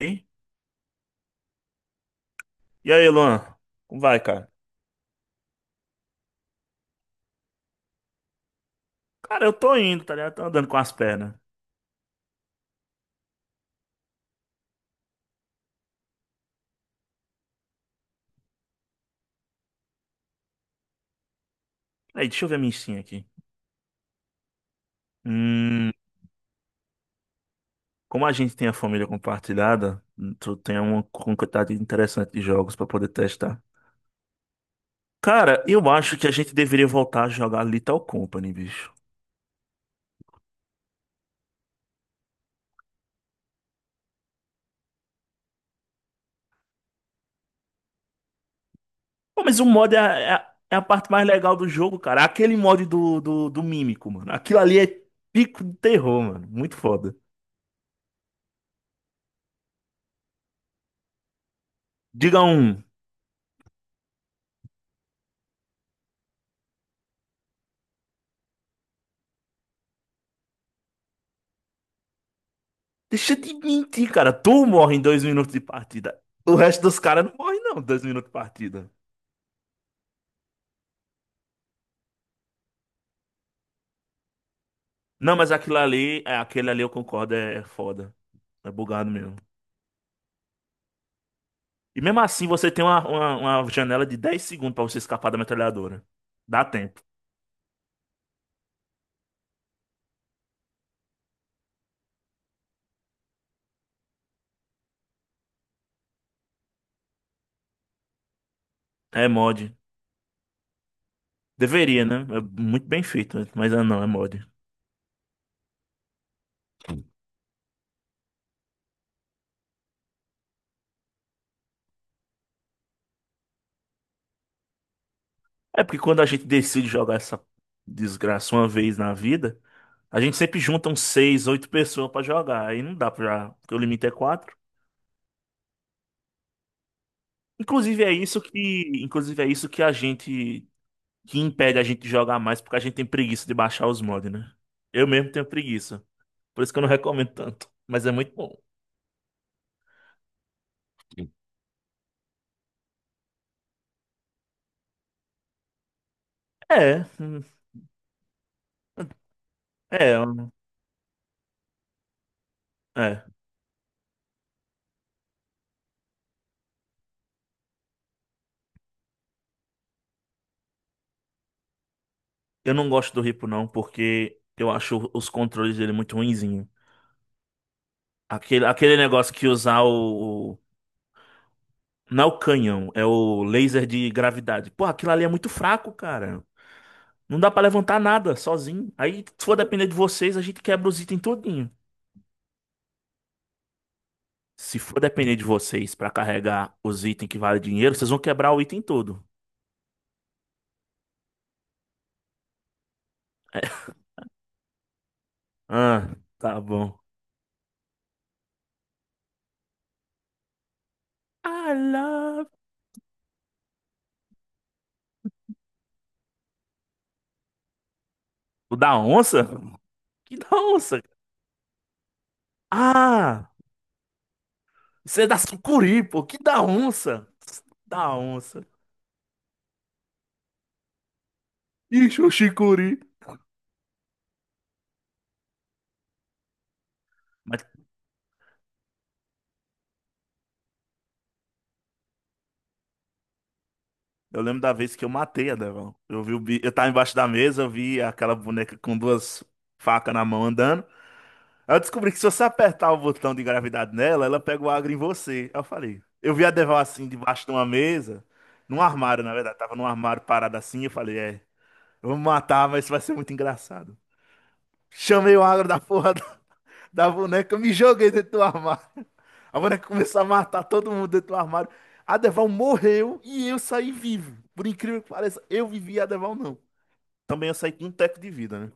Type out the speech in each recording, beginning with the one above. Hein? E aí, Luan? Como vai, cara? Cara, eu tô indo, tá ligado? Tô andando com as pernas. Aí, deixa eu ver a minha sim aqui. Hum, como a gente tem a família compartilhada, tu tem uma quantidade interessante de jogos pra poder testar. Cara, eu acho que a gente deveria voltar a jogar Lethal Company, bicho. Pô, mas o mod é a parte mais legal do jogo, cara. Aquele mod do Mímico, mano. Aquilo ali é pico de terror, mano. Muito foda. Diga um. Deixa de mentir, cara. Tu morre em 2 minutos de partida. O resto dos caras não morre, não, 2 minutos de partida. Não, mas aquilo ali, é, aquele ali eu concordo, é, é foda. É bugado mesmo. E mesmo assim, você tem uma janela de 10 segundos pra você escapar da metralhadora. Dá tempo. É mod. Deveria, né? É muito bem feito, né? Mas ah, não, é mod. É porque quando a gente decide jogar essa desgraça uma vez na vida, a gente sempre junta uns 6 8 pessoas pra jogar. Aí não dá pra. Porque o limite é quatro. Inclusive é isso que, inclusive é isso que a gente que impede a gente de jogar mais, porque a gente tem preguiça de baixar os mods, né? Eu mesmo tenho preguiça. Por isso que eu não recomendo tanto, mas é muito bom. É, hum, é, eu- é. Eu não gosto do Ripo não, porque eu acho os controles dele muito ruinzinho. Aquele, aquele negócio que usar o não é o canhão, é o laser de gravidade. Pô, aquilo ali é muito fraco, cara. Não dá pra levantar nada sozinho. Aí, se for depender de vocês, a gente quebra os itens todinho. Se for depender de vocês pra carregar os itens que valem dinheiro, vocês vão quebrar o item todo. Ah, tá bom. I love. O da onça? Que da onça? Ah, isso é da sucuri, pô. Que da onça? Da onça. Ixi, o chicuri. Mas eu lembro da vez que eu matei a Devon. Eu vi o bi... Eu tava embaixo da mesa, eu vi aquela boneca com duas facas na mão andando. Aí eu descobri que se você apertar o botão de gravidade nela, ela pega o agro em você. Aí eu falei. Eu vi a Deval assim, debaixo de uma mesa, num armário, na verdade. Tava num armário parada assim. Eu falei, eu vou me matar, mas isso vai ser muito engraçado. Chamei o agro da porra da boneca, me joguei dentro do armário. A boneca começou a matar todo mundo dentro do armário. A Deval morreu e eu saí vivo. Por incrível que pareça, eu vivi e a Deval não. Também eu saí com um teco de vida, né?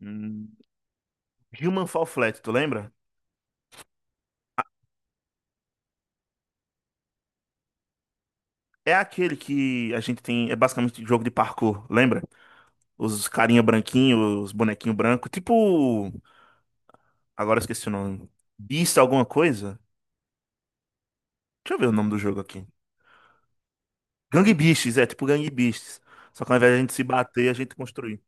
Hum. Human Fall Flat, tu lembra? É aquele que a gente tem, é basicamente jogo de parkour, lembra? Os carinha branquinho, os bonequinho branco, tipo, agora eu esqueci o nome. Beast alguma coisa? Deixa eu ver o nome do jogo aqui. Gang Beasts, é tipo Gang Beasts. Só que ao invés de a gente se bater, a gente construir.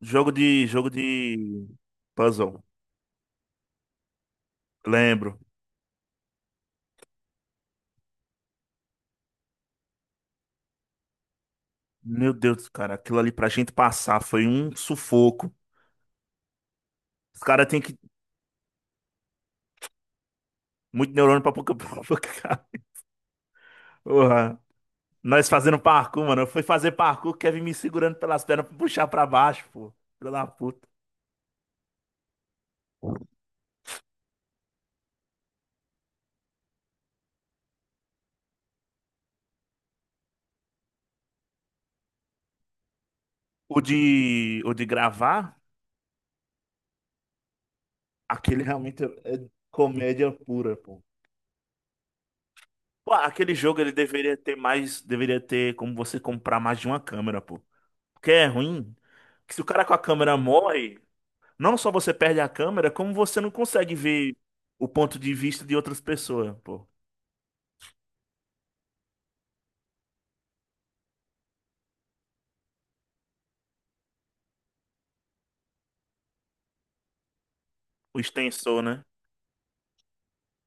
Jogo de puzzle. Lembro. Meu Deus, cara, aquilo ali pra gente passar foi um sufoco. Os caras têm que muito neurônio pra pouca pra pouca. Nós fazendo parkour, mano. Eu fui fazer parkour, o Kevin me segurando pelas pernas pra puxar pra baixo, pô. Filho da puta. O de gravar, aquele realmente é comédia pura, pô. Pô, aquele jogo ele deveria ter mais, deveria ter como você comprar mais de uma câmera, pô. Porque é ruim que se o cara com a câmera morre, não só você perde a câmera, como você não consegue ver o ponto de vista de outras pessoas, pô. O extensor, né?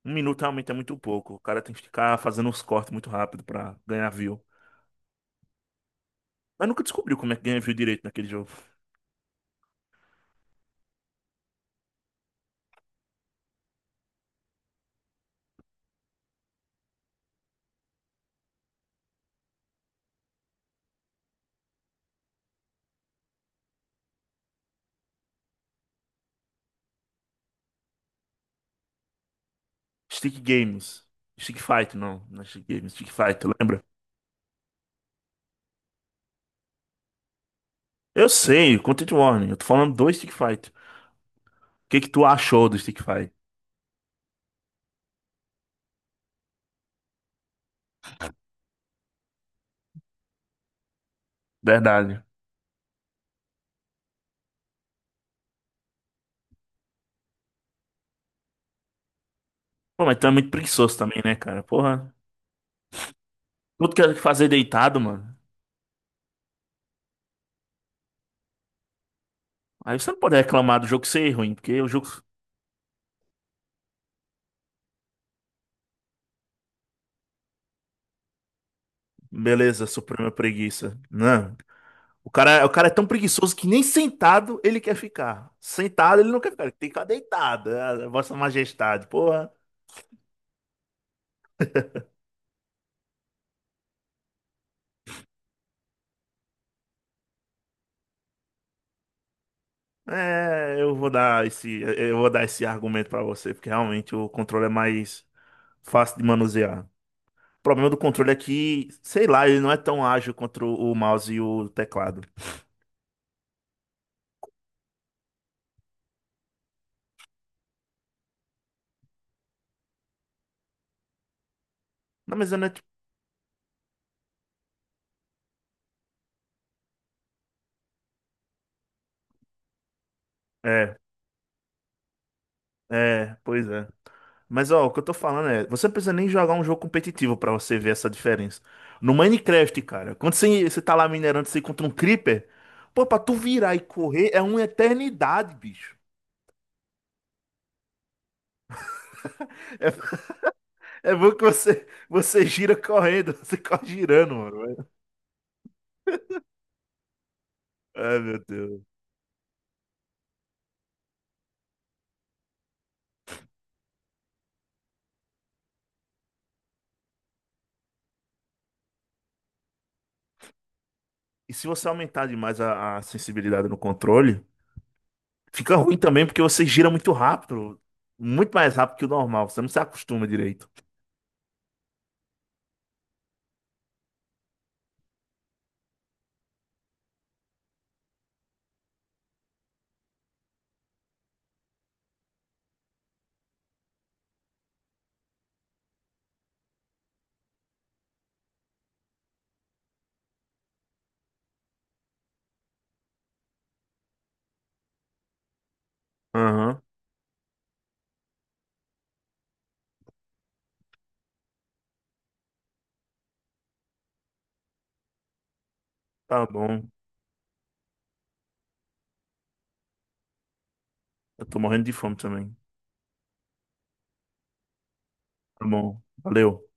1 minuto realmente é muito pouco. O cara tem que ficar fazendo uns cortes muito rápido pra ganhar view. Mas nunca descobriu como é que ganha view direito naquele jogo. Stick Games. Stick Fight, não. Não é Stick Games, é Stick Fight, lembra? Eu sei, Content Warning. Eu tô falando do Stick Fight. O que que tu achou do Stick Fight? Verdade. Pô, mas tu é muito preguiçoso também, né, cara? Porra. Tudo que é fazer deitado, mano. Aí você não pode reclamar do jogo ser ruim, porque o jogo. Beleza, suprema preguiça. Não. O cara é tão preguiçoso que nem sentado ele quer ficar. Sentado ele não quer ficar, ele tem que ficar deitado. Ah, Vossa Majestade, porra. É, eu vou dar esse argumento pra você, porque realmente o controle é mais fácil de manusear. O problema do controle é que, sei lá, ele não é tão ágil contra o mouse e o teclado. Não, mas eu não é, tipo- é, é, pois é. Mas ó, o que eu tô falando é, você não precisa nem jogar um jogo competitivo pra você ver essa diferença. No Minecraft, cara, quando você tá lá minerando, você encontra um creeper, pô, pra tu virar e correr é uma eternidade, bicho. É, é bom que você gira correndo, você corre girando, mano. Ai, meu Deus. E se você aumentar demais a sensibilidade no controle, fica ruim também porque você gira muito rápido, muito mais rápido que o normal, você não se acostuma direito. Aham, tá bom. Eu tô morrendo de fome também. Tá bom, valeu.